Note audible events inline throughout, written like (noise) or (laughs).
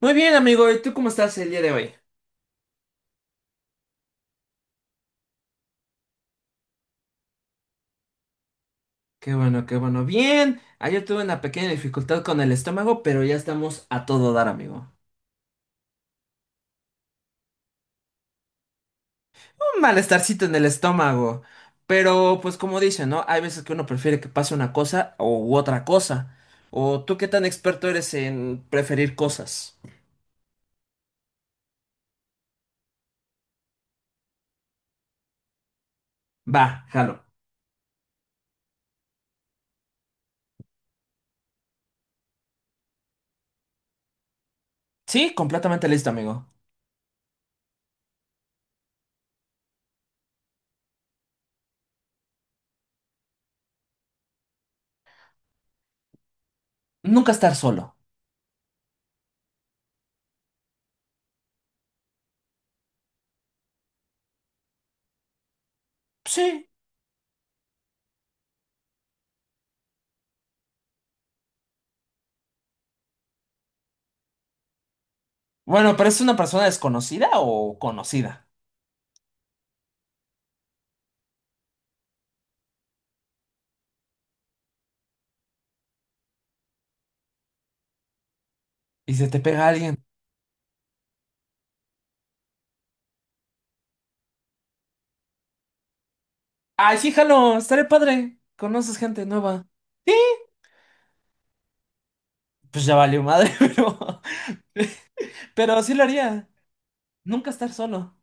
Muy bien, amigo, ¿y tú cómo estás el día de hoy? Qué bueno, qué bueno. Bien, ayer tuve una pequeña dificultad con el estómago, pero ya estamos a todo dar, amigo. Un malestarcito en el estómago. Pero, pues como dicen, ¿no? Hay veces que uno prefiere que pase una cosa u otra cosa. ¿O tú qué tan experto eres en preferir cosas? Va, jalo. Sí, completamente listo, amigo. Nunca estar solo. Sí. Bueno, pero es una persona desconocida o conocida. ¿Y se te pega alguien? Ay, sí, jalo, estaré padre. Conoces gente nueva. Sí, pues ya valió madre, (laughs) pero sí lo haría. Nunca estar solo.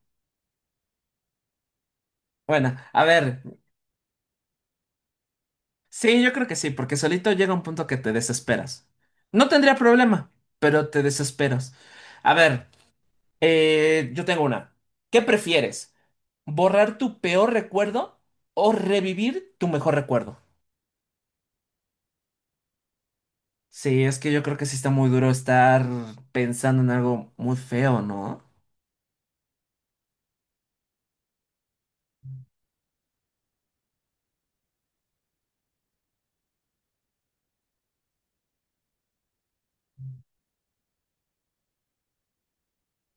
Bueno, a ver, sí, yo creo que sí, porque solito llega un punto que te desesperas. No tendría problema, pero te desesperas. A ver, yo tengo una. ¿Qué prefieres? ¿Borrar tu peor recuerdo o revivir tu mejor recuerdo? Sí, es que yo creo que sí está muy duro estar pensando en algo muy feo, ¿no?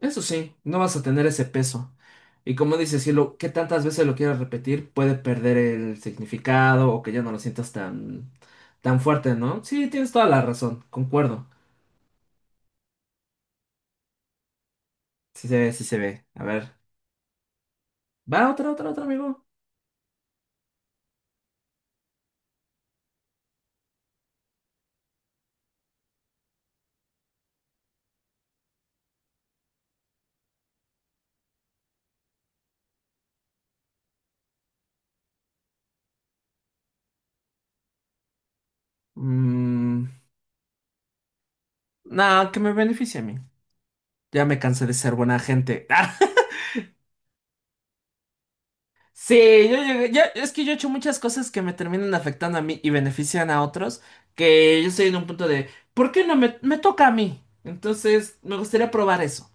Eso sí, no vas a tener ese peso. Y como dices, si lo que tantas veces lo quieras repetir, puede perder el significado o que ya no lo sientas tan fuerte, ¿no? Sí, tienes toda la razón, concuerdo. Sí se ve, sí se ve. A ver, va otra, otra, otra, amigo. Mm, no, que me beneficie a mí. Ya me cansé de ser agente. (laughs) Sí, es que yo he hecho muchas cosas que me terminan afectando a mí y benefician a otros, que yo estoy en un punto de, ¿por qué no me toca a mí? Entonces, me gustaría probar eso.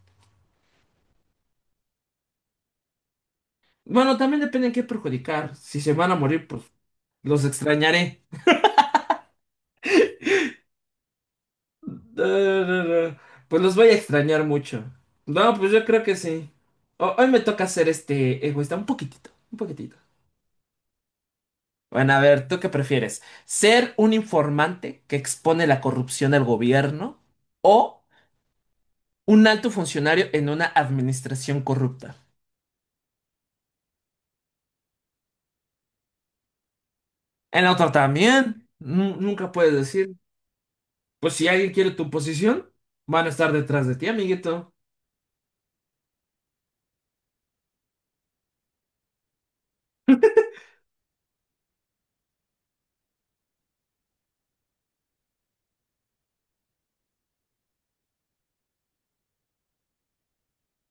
Bueno, también depende en qué perjudicar. Si se van a morir, pues, los extrañaré. (laughs) Eh, Pues los voy a extrañar mucho. No, pues yo creo que sí. Hoy me toca ser este egoísta, un poquitito, un poquitito. Bueno, a ver, ¿tú qué prefieres? ¿Ser un informante que expone la corrupción del gobierno? ¿O un alto funcionario en una administración corrupta? En la otra también. Nunca puedes decir. Pues si alguien quiere tu posición, van a estar detrás de ti, amiguito.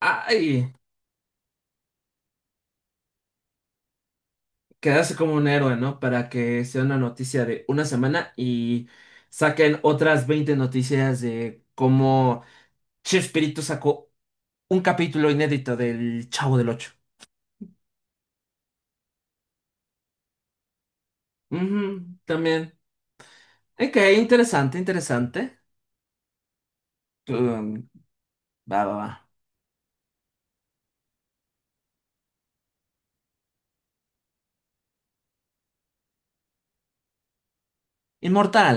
Ay, quedarse como un héroe, ¿no? Para que sea una noticia de una semana y saquen otras 20 noticias de cómo Chespirito sacó un capítulo inédito del Chavo del Ocho. Ujú, también. Ok, interesante, interesante. Uh, va, va, va. Inmortal.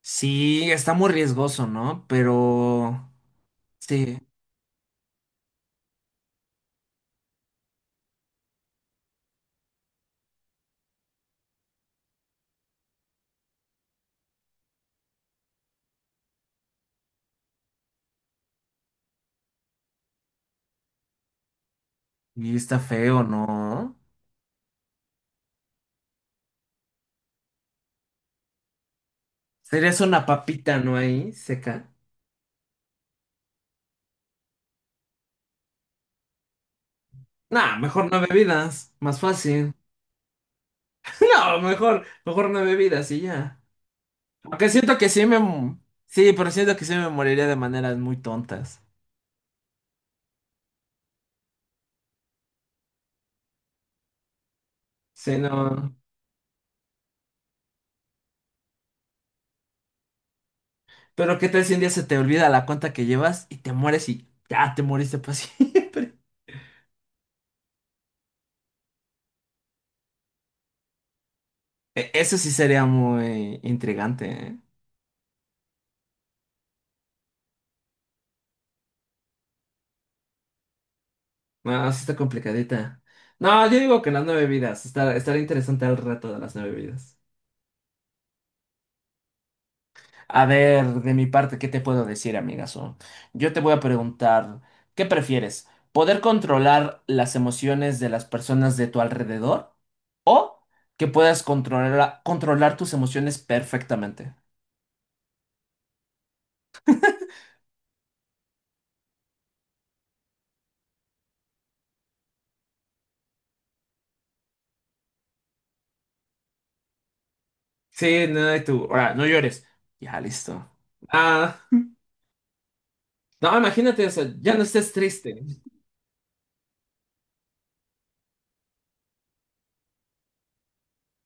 Sí, está muy riesgoso, ¿no? Pero sí, está feo, ¿no? ¿Serías una papita, no ahí, seca? Nah, mejor no bebidas. Más sí. (laughs) No, mejor, mejor no bebidas y ya. Aunque siento que sí, pero siento que sí me moriría de maneras muy tontas. Pero qué tal si un día se te olvida la cuenta que llevas y te mueres y ya te moriste para (laughs) siempre. Eso sí sería muy intrigante, ¿eh? No, sí está complicadita. No, yo digo que las 9 vidas. Estará, estará interesante el reto de las 9 vidas. A ver, de mi parte, ¿qué te puedo decir, amigazo? Yo te voy a preguntar, ¿qué prefieres? ¿Poder controlar las emociones de las personas de tu alrededor? ¿O que puedas controlar tus emociones perfectamente? Sí, no, y tú. Ahora, no llores. Ya, listo. Ah, no, imagínate, o ya no estés triste.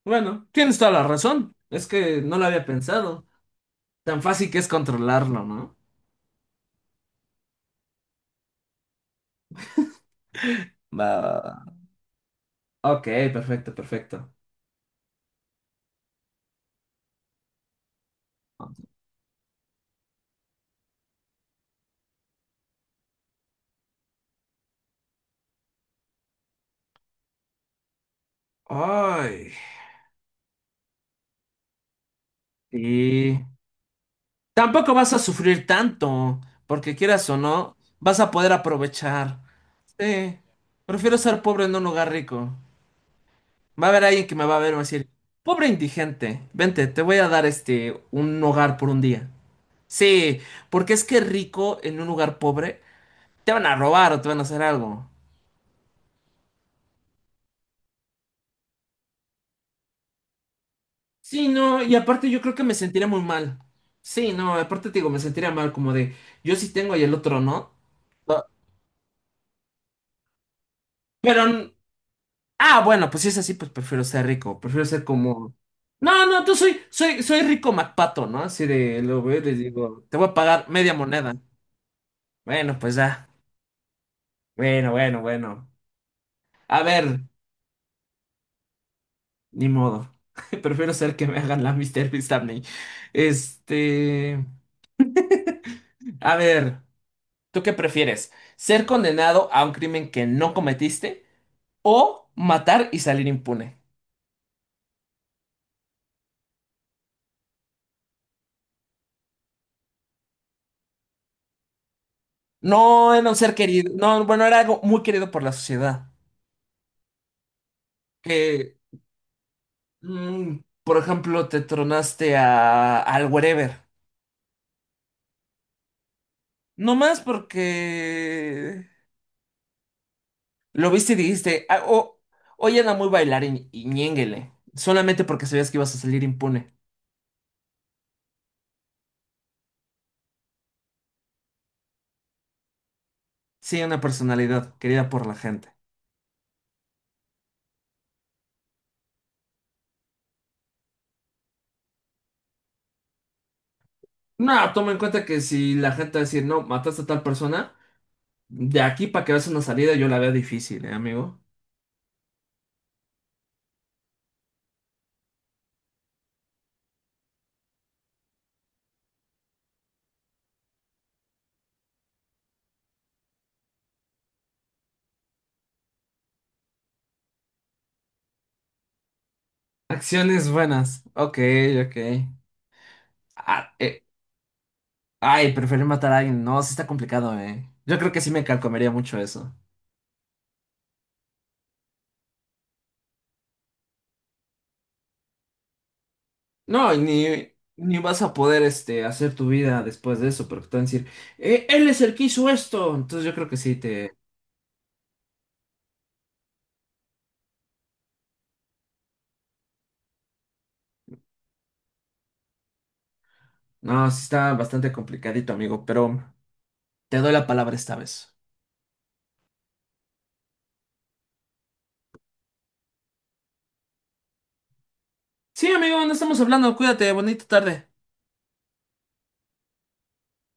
Bueno, tienes toda la razón. Es que no lo había pensado. Tan fácil que es hablarlo, ¿no? Va, va, va. Ok, perfecto, perfecto. Ay, y tampoco vas a sufrir tanto, porque quieras o no, vas a poder aprovechar. Sí, prefiero ser pobre en un lugar rico. Va a haber alguien que me va a ver y me va a decir, pobre indigente, vente, te voy a dar este un hogar por un día. Sí, porque es que rico en un lugar pobre te van a robar o te van a hacer algo. Sí, no, y aparte yo creo que me sentiré muy mal. Sí, no, aparte te digo, me sentiría mal como de, yo sí tengo y el otro no. Ah. Pero, n- ah, bueno, pues si es así, pues prefiero ser rico, prefiero ser como... No, no, soy rico MacPato, ¿no? Así de, lo veo y les digo, te voy a pagar media moneda. Bueno, pues ya. Bueno, bueno, bueno. A ver, ni modo. (laughs) Prefiero ser que me hagan la Mister Beast a mí. Este, a ver, ¿tú qué prefieres? ¿Ser condenado a un crimen que no cometiste o matar y salir impune? No era un ser querido, no, bueno, era algo muy querido por la sociedad. Que, mm, por ejemplo, te tronaste a, al wherever. No más porque lo viste y dijiste, "Ah, hoy era muy bailarín y ñénguele". Solamente porque sabías que ibas a salir impune. Sí, una personalidad querida por la gente. No, toma en cuenta que si la gente va a decir, no, mataste a tal persona, de aquí para que veas una salida yo la veo difícil, amigo. Acciones buenas. Ok, ok. Ah, ay, preferir matar a alguien. No, sí está complicado, eh. Yo creo que sí me carcomería mucho eso. No, y ni vas a poder este, hacer tu vida después de eso, porque te van a decir, él es el que hizo esto". Entonces yo creo que sí. te- No, sí está bastante complicadito, amigo, pero te doy la palabra esta vez. Sí, amigo, no estamos hablando. Cuídate, bonita tarde.